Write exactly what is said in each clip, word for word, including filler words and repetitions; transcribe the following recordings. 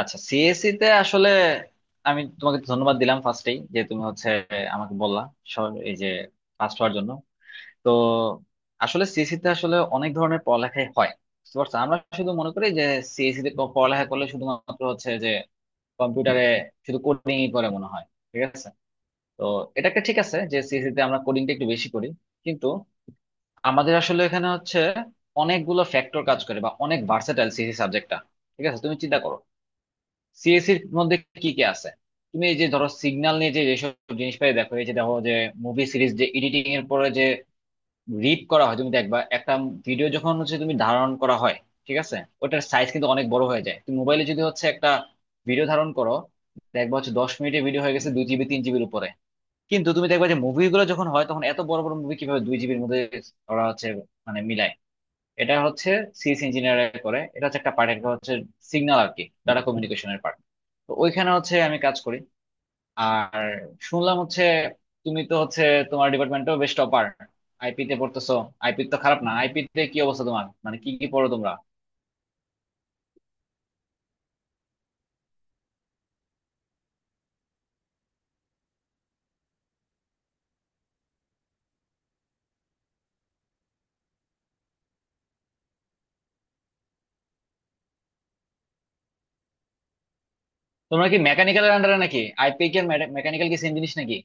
আচ্ছা, সিএসসি তে আসলে আমি তোমাকে ধন্যবাদ দিলাম ফার্স্টেই যে তুমি হচ্ছে আমাকে বললা সব- এই যে ফার্স্ট হওয়ার জন্য। তো আসলে সিএসসি তে আসলে অনেক ধরনের পড়ালেখাই হয়, বুঝতে পারছো। আমরা শুধু মনে করি যে সিএসসি তে প- পড়ালেখা করলে শুধুমাত্র হচ্ছে যে কম্পিউটারে শুধু কোডিং ই করে মনে হয়, ঠিক আছে। তো এটা একটা ঠিক আছে যে সিএসসি তে আমরা কোডিংটা একটু বেশি করি, কিন্তু আমাদের আসলে এখানে হচ্ছে অনেকগুলো ফ্যাক্টর কাজ করে বা অনেক ভার্সেটাইল সিএসসি সাবজেক্টটা। ঠিক আছে, তুমি চিন্তা করো সিএসির মধ্যে কি কি আছে। তুমি এই যে ধরো সিগন্যাল নিয়ে যে যেসব জিনিসপাতি দেখো, এই যে দেখো যে মুভি সিরিজ যে এডিটিং এর পরে যে রিড করা হয়, তুমি দেখবা একটা ভিডিও যখন হচ্ছে তুমি ধারণ করা হয়, ঠিক আছে। ওটার সাইজ কিন্তু অনেক বড় হয়ে যায়। তুমি মোবাইলে যদি হচ্ছে একটা ভিডিও ধারণ করো, দেখবা হচ্ছে দশ মিনিটের ভিডিও হয়ে গেছে দুই জিবি তিন জিবির উপরে। কিন্তু তুমি দেখবা যে মুভিগুলো যখন হয় তখন এত বড় বড় মুভি কিভাবে দুই জিবির মধ্যে ওরা হচ্ছে মানে মিলায়। এটা হচ্ছে সিএস ইঞ্জিনিয়ার করে, এটা হচ্ছে একটা পার্ট। একটা হচ্ছে সিগন্যাল আর কি, ডাটা কমিউনিকেশনের পার্ট। তো ওইখানে হচ্ছে আমি কাজ করি। আর শুনলাম হচ্ছে তুমি তো হচ্ছে তোমার ডিপার্টমেন্টও বেশ টপার, আইপি তে পড়তেছো। আইপি তো খারাপ না। আইপি তে কি অবস্থা তোমার, মানে কি কি পড়ো তোমরা? তোমরা কি মেকানিক্যালের আন্ডারে নাকি? আইপি কি মেকানিক্যাল কি সেম জিনিস নাকি?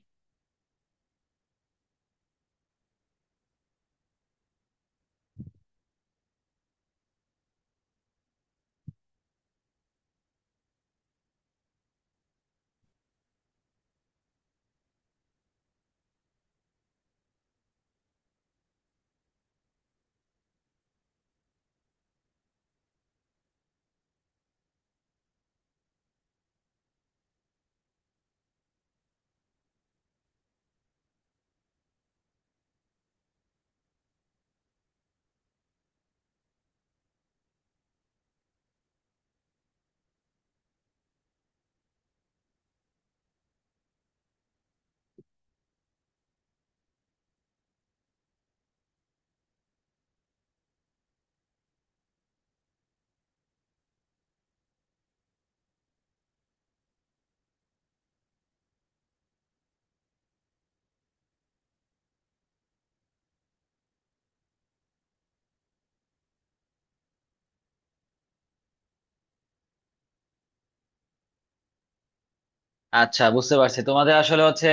আচ্ছা, বুঝতে পারছি তোমাদের আসলে হচ্ছে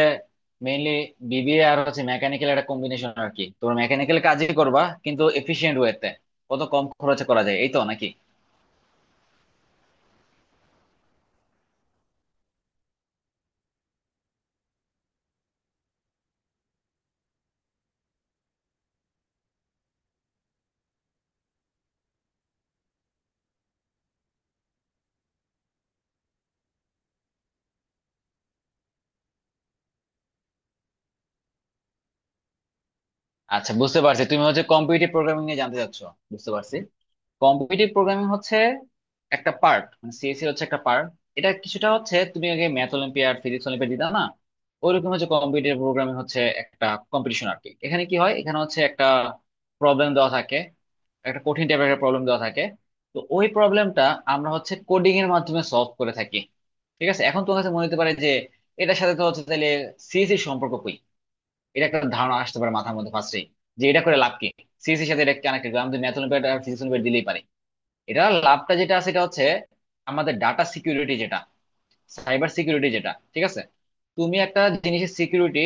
মেইনলি বিবিএ আর হচ্ছে মেকানিক্যাল একটা কম্বিনেশন আর কি। তোমরা মেকানিক্যাল কাজই করবা কিন্তু এফিশিয়েন্ট ওয়েতে, কত কম খরচে করা যায়, এই তো নাকি? আচ্ছা, বুঝতে পারছি তুমি হচ্ছে কম্পিটিটিভ প্রোগ্রামিং নিয়ে জানতে চাচ্ছো, বুঝতে পারছি। কম্পিটিটিভ প্রোগ্রামিং হচ্ছে একটা পার্ট, মানে সিএসসি হচ্ছে একটা পার্ট। এটা কিছুটা হচ্ছে তুমি আগে ম্যাথ অলিম্পিয়াড ফিজিক্স অলিম্পিয়াড দিতা না, ওইরকম হচ্ছে। কম্পিটিটিভ প্রোগ্রামিং হচ্ছে একটা কম্পিটিশন আর কি। এখানে কি হয়, এখানে হচ্ছে একটা প্রবলেম দেওয়া থাকে, একটা কঠিন টাইপের একটা প্রবলেম দেওয়া থাকে। তো ওই প্রবলেমটা আমরা হচ্ছে কোডিং এর মাধ্যমে সলভ করে থাকি, ঠিক আছে। এখন তোমার কাছে মনে হতে পারে যে এটার সাথে তো হচ্ছে তাহলে সিএসসির সম্পর্ক কই, এটা একটা ধারণা আসতে পারে মাথার মধ্যে ফার্স্টেই, যে এটা করে লাভ কি। সিএসসির সাথে এটা কানেক্টেড। আমি তো ম্যাথ অলিম্পিয়াড আর ফিজিক্স অলিম্পিয়াড দিলেই পারি, এটা লাভটা যেটা আছে সেটা হচ্ছে আমাদের ডাটা সিকিউরিটি যেটা, সাইবার সিকিউরিটি যেটা, ঠিক আছে। তুমি একটা জিনিসের সিকিউরিটি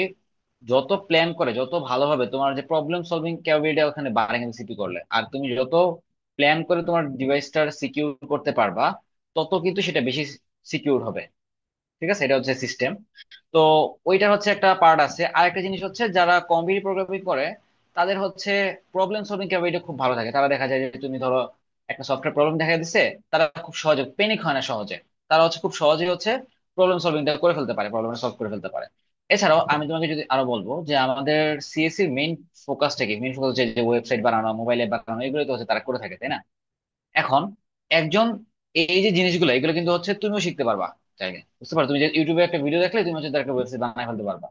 যত প্ল্যান করে, যত ভালোভাবে তোমার যে প্রবলেম সলভিং ক্যাপাবিলিটি ওখানে বাড়ে কিন্তু সিপি করলে, আর তুমি যত প্ল্যান করে তোমার ডিভাইসটার সিকিউর করতে পারবা তত কিন্তু সেটা বেশি সিকিউর হবে। ঠিক আছে, এটা হচ্ছে সিস্টেম। তো ওইটার হচ্ছে একটা পার্ট আছে। আরেকটা জিনিস হচ্ছে যারা কম্পিটিটিভ প্রোগ্রামিং করে তাদের হচ্ছে প্রবলেম সলভিং ক্যাপাবিলিটি খুব ভালো থাকে। তারা দেখা যায় যে তুমি ধরো একটা সফটওয়্যার প্রবলেম দেখা দিচ্ছে, তারা খুব সহজে প্যানিক হয় না। সহজে তারা হচ্ছে খুব সহজেই হচ্ছে প্রবলেম সলভিংটা করে ফেলতে পারে, প্রবলেমটা সলভ করে ফেলতে পারে। এছাড়াও আমি তোমাকে যদি আরো বলবো যে আমাদের সিএসসি মেইন ফোকাসটা কি, মেইন ফোকাস যে ওয়েবসাইট বানানো, মোবাইল অ্যাপ বানানো, এগুলো তো হচ্ছে তারা করে থাকে তাই না। এখন একজন এই যে জিনিসগুলো এগুলো কিন্তু হচ্ছে তুমিও শিখতে পারবা চাইলে, বুঝতে পারো। তুমি যে ইউটিউবে একটা ভিডিও দেখলে তুমি হচ্ছে তার একটা ওয়েবসাইট বানায় ফেলতে পারবা,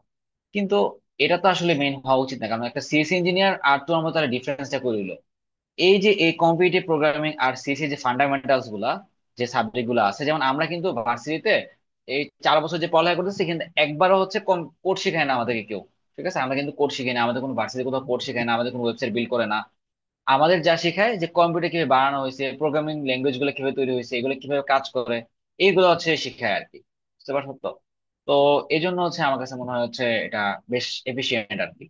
কিন্তু এটা তো আসলে মেইন হওয়া উচিত না, কারণ একটা সিএস ইঞ্জিনিয়ার আর তোমার মতো ডিফারেন্সটা করে দিলো এই যে এই কম্পিটিটিভ প্রোগ্রামিং আর সিএসি যে ফান্ডামেন্টালস গুলা, যে সাবজেক্ট গুলো আছে। যেমন আমরা কিন্তু ভার্সিটিতে এই চার বছর যে পড়ালেখা করতেছি, কিন্তু একবারও হচ্ছে কোড শেখায় না আমাদেরকে কেউ। ঠিক আছে, আমরা কিন্তু কোড শিখাই না, আমাদের কোনো ভার্সিটি কোথাও কোড শেখায় না, আমাদের কোনো ওয়েবসাইট বিল্ড করে না। আমাদের যা শেখায় যে কম্পিউটার কিভাবে বানানো হয়েছে, প্রোগ্রামিং ল্যাঙ্গুয়েজ গুলো কিভাবে তৈরি হয়েছে, এগুলো কিভাবে কাজ করে, এইগুলো হচ্ছে শেখায় আর কি। বুঝতে পারছো তো। তো এই জন্য হচ্ছে আমার কাছে মনে হয় হচ্ছে এটা বেশ এফিশিয়েন্ট আর কি।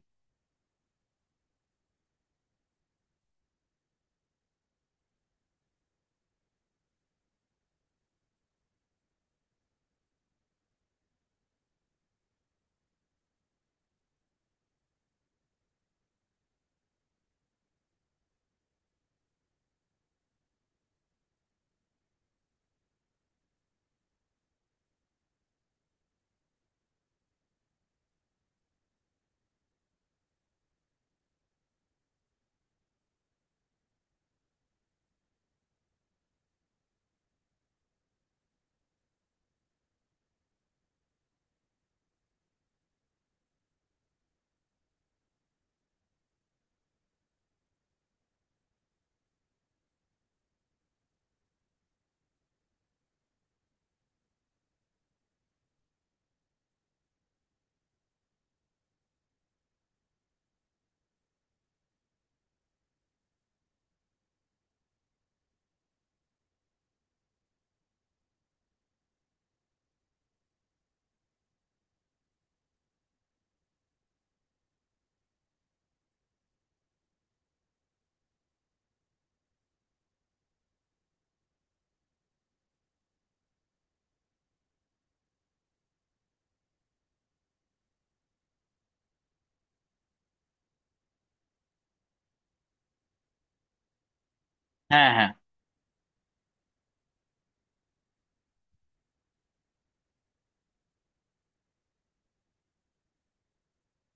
হ্যাঁ, হ্যাঁ,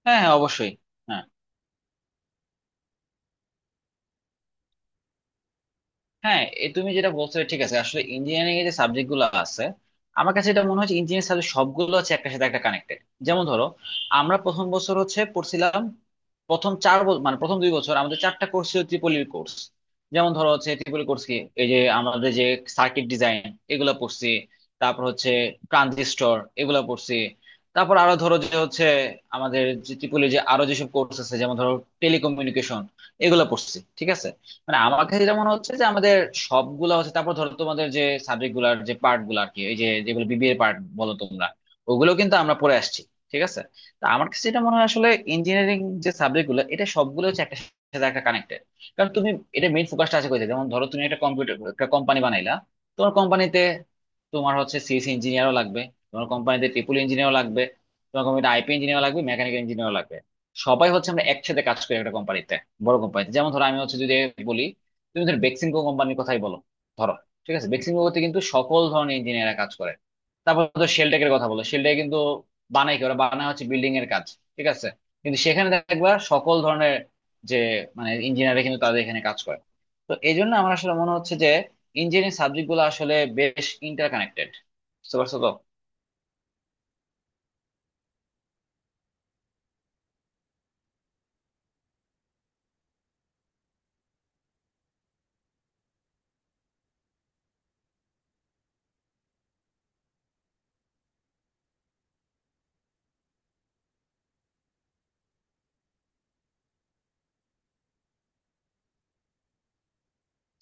হ্যাঁ, হ্যাঁ, অবশ্যই। হ্যাঁ, হ্যাঁ, এ তুমি যেটা বলছো ঠিক আছে। আসলে ইঞ্জিনিয়ারিং এর যে সাবজেক্ট গুলো আছে, আমার কাছে এটা মনে হচ্ছে ইঞ্জিনিয়ারিং সাবজেক্ট সবগুলো হচ্ছে একটা সাথে একটা কানেক্টেড। যেমন ধরো, আমরা প্রথম বছর হচ্ছে পড়ছিলাম, প্রথম চার বছর মানে প্রথম দুই বছর আমাদের চারটা কোর্স ছিল ট্রিপলির কোর্স। যেমন ধরো হচ্ছে ট্রিপলি কোর্স কি, এই যে আমাদের যে সার্কিট ডিজাইন এগুলো পড়ছি, তারপর হচ্ছে ট্রানজিস্টর এগুলো পড়ছি, তারপর আরো ধরো যে হচ্ছে আমাদের যে ট্রিপলি যে আরো যেসব কোর্স আছে যেমন ধরো টেলিকমিউনিকেশন, এগুলো পড়ছি, ঠিক আছে। মানে আমার কাছে যেটা মনে হচ্ছে যে আমাদের সবগুলা হচ্ছে, তারপর ধরো তোমাদের যে সাবজেক্ট গুলার যে পার্ট গুলো আর কি, এই যে যেগুলো বিবিএ পার্ট বলো তোমরা, ওগুলো কিন্তু আমরা পড়ে আসছি, ঠিক আছে। তা আমার কাছে যেটা মনে হয় আসলে ইঞ্জিনিয়ারিং যে সাবজেক্ট গুলো এটা সবগুলো হচ্ছে একটা সাথে একটা কানেক্টেড। কারণ তুমি এটা মেইন ফোকাসটা আছে কোথায়, যেমন ধরো তুমি একটা কম্পিউটার একটা কোম্পানি বানাইলা, তোমার কোম্পানিতে তোমার হচ্ছে সিএস ইঞ্জিনিয়ারও লাগবে, তোমার কোম্পানিতে ট্রিপল ইঞ্জিনিয়ারও লাগবে, তোমার কোম্পানিতে আইপি ইঞ্জিনিয়ার লাগবে, মেকানিক্যাল ইঞ্জিনিয়ার লাগবে। সবাই হচ্ছে আমরা একসাথে কাজ করি একটা কোম্পানিতে, বড় কোম্পানিতে। যেমন ধরো আমি হচ্ছে যদি বলি, তুমি ধরো বেক্সিমকো কোম্পানির কথাই বলো, ধরো, ঠিক আছে, বেক্সিমকোতে কিন্তু সকল ধরনের ইঞ্জিনিয়াররা কাজ করে। তারপর ধরো শেলটেকের কথা বলো, শেলটেক কিন্তু বানায় কি, ওরা বানায় হচ্ছে বিল্ডিং এর কাজ, ঠিক আছে। কিন্তু সেখানে দেখবা সকল ধরনের যে মানে ইঞ্জিনিয়াররা কিন্তু তাদের এখানে কাজ করে। তো এই জন্য আমার আসলে মনে হচ্ছে যে ইঞ্জিনিয়ারিং সাবজেক্ট গুলো আসলে বেশ ইন্টার কানেক্টেড। বুঝতে পারছো তো।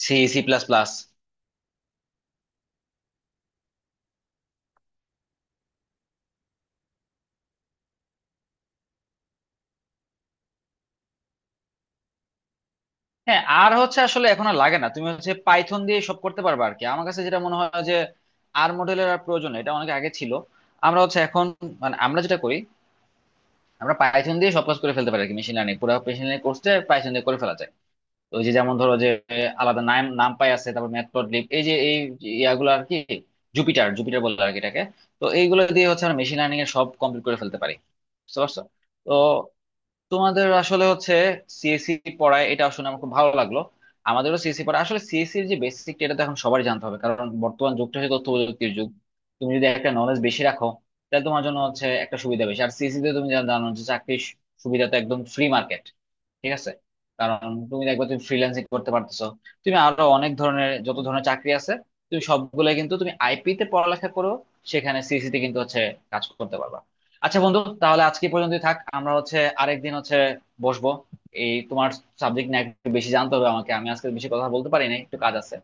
C C plus plus. হ্যাঁ, আর হচ্ছে আসলে এখন আর লাগে না, তুমি হচ্ছে পাইথন দিয়ে সব করতে পারবে আর কি। আমার কাছে যেটা মনে হয় যে আর মডেলের আর প্রয়োজন নেই, এটা অনেক আগে ছিল। আমরা হচ্ছে এখন মানে আমরা যেটা করি, আমরা পাইথন দিয়ে সব কাজ করে ফেলতে পারি আর কি। মেশিন লার্নিং, পুরো মেশিন লার্নিং কোর্সটা পাইথন দিয়ে করে ফেলা যায়। ওই যে যেমন ধরো যে আলাদা নাম নামপাই আছে, তারপর ম্যাটপ্লটলিব, এই যে এই ইয়াগুলো আর কি, জুপিটার জুপিটার বলে আর কি এটাকে। তো এইগুলো দিয়ে হচ্ছে আমরা মেশিন লার্নিং এর সব কমপ্লিট করে ফেলতে পারি। বুঝতে পারছো তো। তোমাদের আসলে হচ্ছে সিএসসি পড়ায়, এটা আসলে আমার খুব ভালো লাগলো। আমাদেরও সিএসসি পড়ায় আসলে। সিএসসির যে বেসিক এটা তো এখন সবার জানতে হবে, কারণ বর্তমান যুগটা হচ্ছে তথ্য প্রযুক্তির যুগ। তুমি যদি একটা নলেজ বেশি রাখো তাহলে তোমার জন্য হচ্ছে একটা সুবিধা বেশি। আর সিএসসি তে তুমি যা জানো, যে চাকরির সুবিধা তো একদম ফ্রি মার্কেট, ঠিক আছে। কারণ তুমি একবার তুমি ফ্রিল্যান্সিং করতে পারতেছো, তুমি আরো অনেক ধরনের, যত ধরনের চাকরি আছে তুমি সবগুলো, কিন্তু তুমি আইপি তে পড়ালেখা করো সেখানে সিএসসি তে কিন্তু হচ্ছে কাজ করতে পারবা। আচ্ছা বন্ধু, তাহলে আজকে পর্যন্তই থাক। আমরা হচ্ছে আরেকদিন হচ্ছে বসবো, এই তোমার সাবজেক্ট নিয়ে একটু বেশি জানতে হবে আমাকে। আমি আজকে বেশি কথা বলতে পারি না, একটু কাজ আছে।